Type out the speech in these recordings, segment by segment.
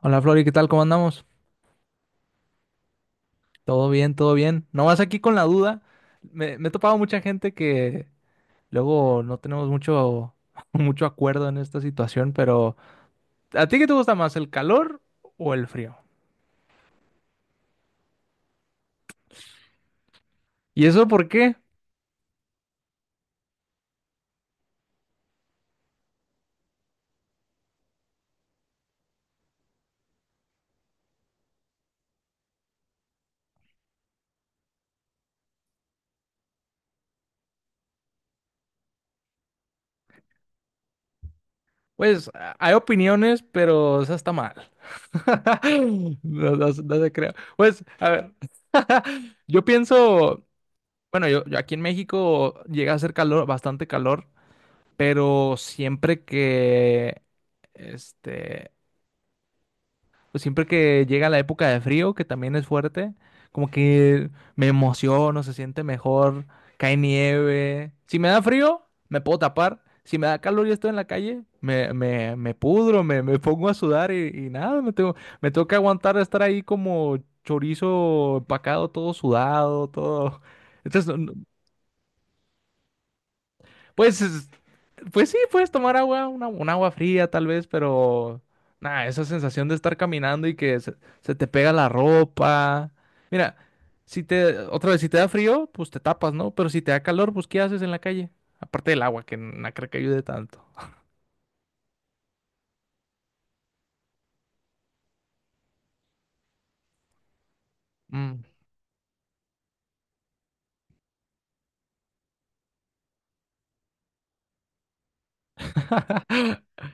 Hola Flori, ¿qué tal? ¿Cómo andamos? Todo bien, todo bien. Nomás aquí con la duda. Me he topado mucha gente que luego no tenemos mucho, mucho acuerdo en esta situación, pero ¿a ti qué te gusta más, el calor o el frío? ¿Y eso por qué? Pues hay opiniones, pero eso está mal. No, no, se no se crea. Pues, a ver, yo pienso, bueno, yo aquí en México llega a hacer calor, bastante calor. Pero siempre que, este, pues siempre que llega la época de frío, que también es fuerte, como que me emociono, se siente mejor, cae nieve. Si me da frío, me puedo tapar. Si me da calor y estoy en la calle, me pudro, me pongo a sudar y nada, me tengo que aguantar estar ahí como chorizo empacado, todo sudado, todo. Entonces, no. Pues, es- pues sí, puedes tomar agua, un agua fría tal vez, pero nada, esa sensación de estar caminando y se te pega la ropa. Mira, si te da frío, pues te tapas, ¿no? Pero si te da calor, pues ¿qué haces en la calle? Aparte del agua, que no creo que ayude tanto. Mm.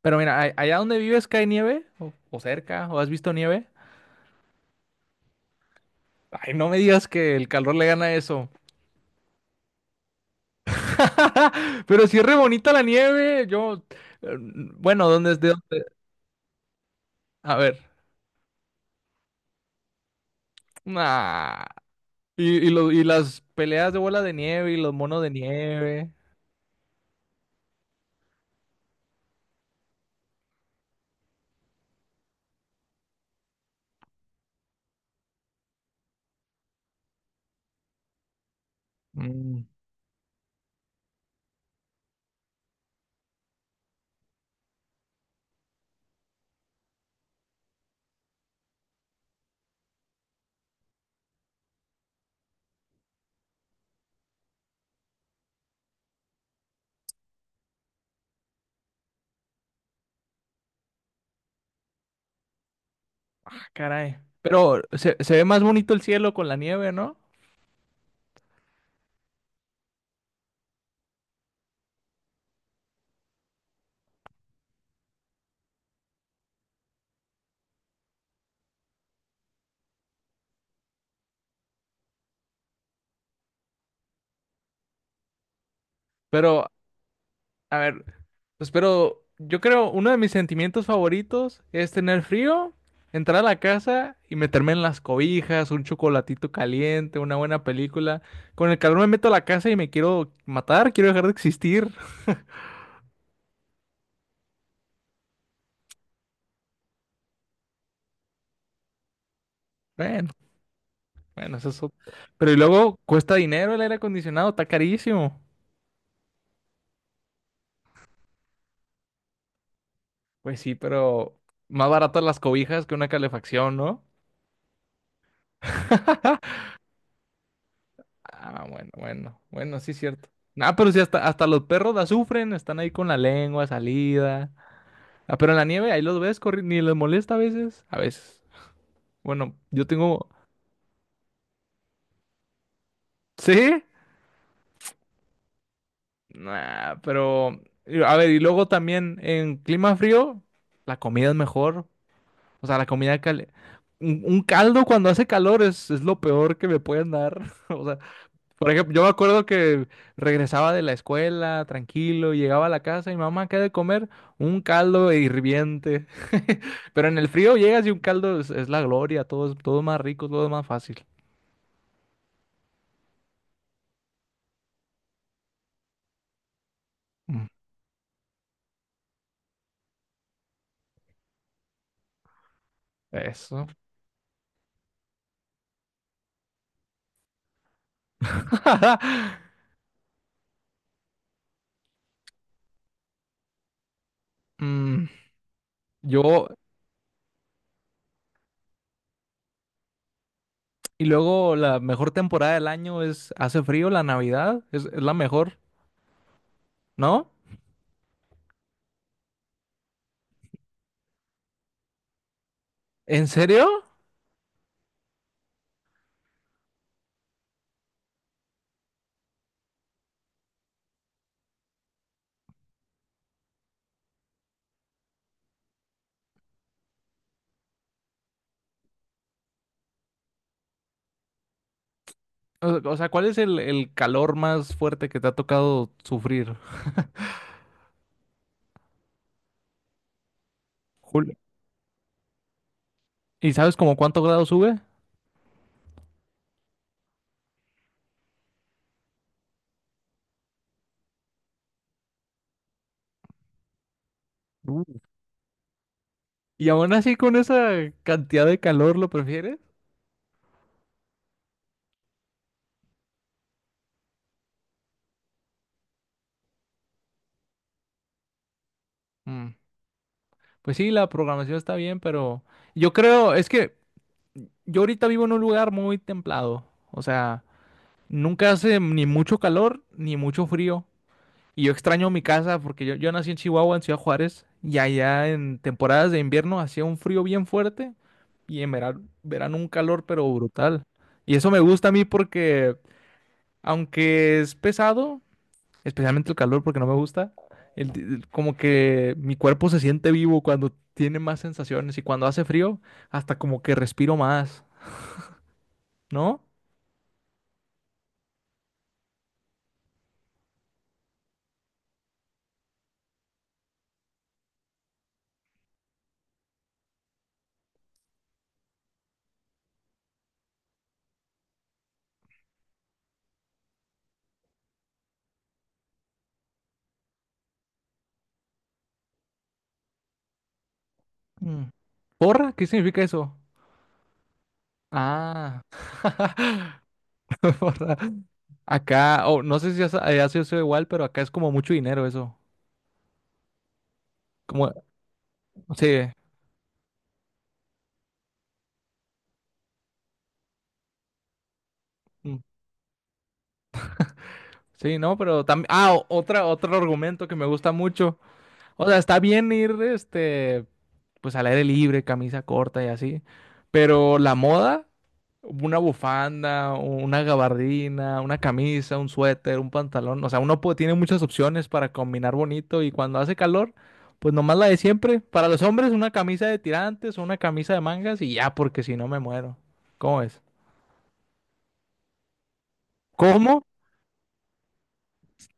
Pero mira, ¿ allá donde vives cae nieve, o cerca, o has visto nieve. Ay, no me digas que el calor le gana eso. Pero sí es re bonita la nieve, yo, eh, bueno, ¿dónde es de? A ver. Nah. Y y las peleas de bola de nieve y los monos de nieve. Mm. Ah, caray. Pero se ve más bonito el cielo con la nieve, ¿no? Pero, a ver, pero yo creo uno de mis sentimientos favoritos es tener frío, entrar a la casa y meterme en las cobijas, un chocolatito caliente, una buena película. Con el calor me meto a la casa y me quiero matar, quiero dejar de existir. Bueno. Bueno, eso es... ot- Pero y luego cuesta dinero el aire acondicionado, está carísimo. Pues sí, pero más baratas las cobijas que una calefacción, ¿no? Ah, bueno, bueno, bueno, sí es cierto. Ah, pero sí, hasta los perros la sufren, están ahí con la lengua salida. Ah, pero en la nieve ahí los ves corriendo, ni les molesta a veces. A veces. Bueno, yo tengo... ¿Sí? Nah, pero... A ver, y luego también en clima frío, la comida es mejor. O sea, la comida caliente. Un caldo cuando hace calor es lo peor que me pueden dar. O sea, por ejemplo, yo me acuerdo que regresaba de la escuela tranquilo, llegaba a la casa y mamá, ¿qué hay de comer? Un caldo hirviente. Pero en el frío llegas y un caldo es la gloria, todo es más rico, todo es más fácil. Mm. Eso. Mm, yo, y luego la mejor temporada del año es, hace frío, la Navidad, es la mejor, ¿no? ¿En serio? O sea, ¿cuál es el calor más fuerte que te ha tocado sufrir, Julio? ¿Y sabes como cuánto grado sube? Uh. ¿Y aún así con esa cantidad de calor lo prefieres? Mm. Pues sí, la programación está bien, pero yo creo, es que yo ahorita vivo en un lugar muy templado. O sea, nunca hace ni mucho calor ni mucho frío. Y yo extraño mi casa porque yo nací en Chihuahua, en Ciudad Juárez, y allá en temporadas de invierno hacía un frío bien fuerte y en verano, un calor pero brutal. Y eso me gusta a mí porque, aunque es pesado, especialmente el calor porque no me gusta, como que mi cuerpo se siente vivo cuando tiene más sensaciones y cuando hace frío, hasta como que respiro más, ¿no? Mm. ¿Porra? ¿Qué significa eso? Ah, porra. Acá, o no sé si ha sido igual, pero acá es como mucho dinero eso. Como, sí. Mm, sí, no, pero también, ah, otra, otro argumento que me gusta mucho. O sea, está bien ir, pues al aire libre, camisa corta y así, pero la moda, una bufanda, una gabardina, una camisa, un suéter, un pantalón, o sea, tiene muchas opciones para combinar bonito, y cuando hace calor, pues nomás la de siempre. Para los hombres, una camisa de tirantes o una camisa de mangas y ya, porque si no me muero. ¿Cómo es? ¿Cómo?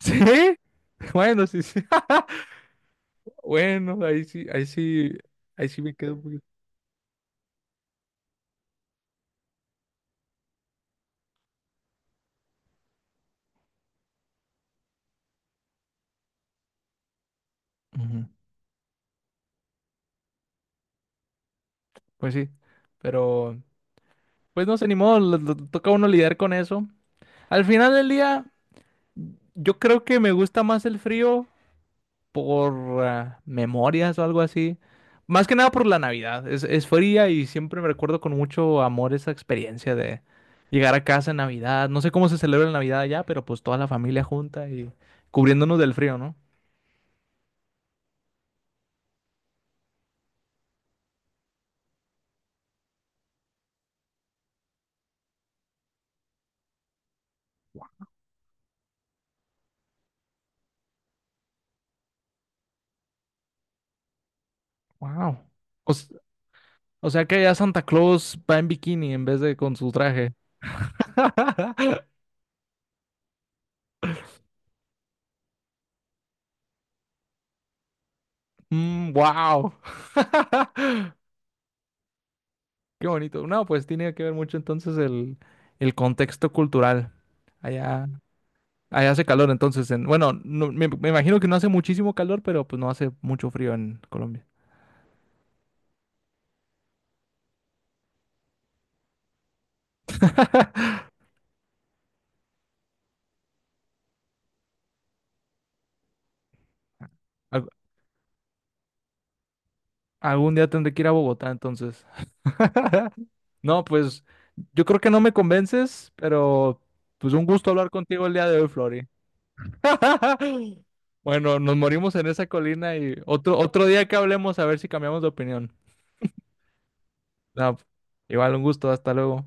¿Sí? Bueno, sí, sí. Bueno, ahí sí, ahí sí, ahí sí me quedo un poquito. Pues sí, pero pues no sé, ni modo, toca a uno lidiar con eso. Al final del día, yo creo que me gusta más el frío por ah, memorias o algo así. Más que nada por la Navidad. Es fría y siempre me recuerdo con mucho amor esa experiencia de llegar a casa en Navidad. No sé cómo se celebra la Navidad allá, pero pues toda la familia junta y cubriéndonos del frío, ¿no? Wow. O, s- o sea que ya Santa Claus va en bikini en vez de con su traje. Wow. Qué bonito. No, pues tiene que ver mucho entonces el contexto cultural. Allá, allá hace calor entonces en, bueno, me imagino que no hace muchísimo calor, pero pues no hace mucho frío en Colombia. Al- Algún día tendré que ir a Bogotá entonces. No, pues yo creo que no me convences, pero pues un gusto hablar contigo el día de hoy, Flori. Bueno, nos morimos en esa colina y otro, otro día que hablemos a ver si cambiamos de opinión. No, igual un gusto, hasta luego.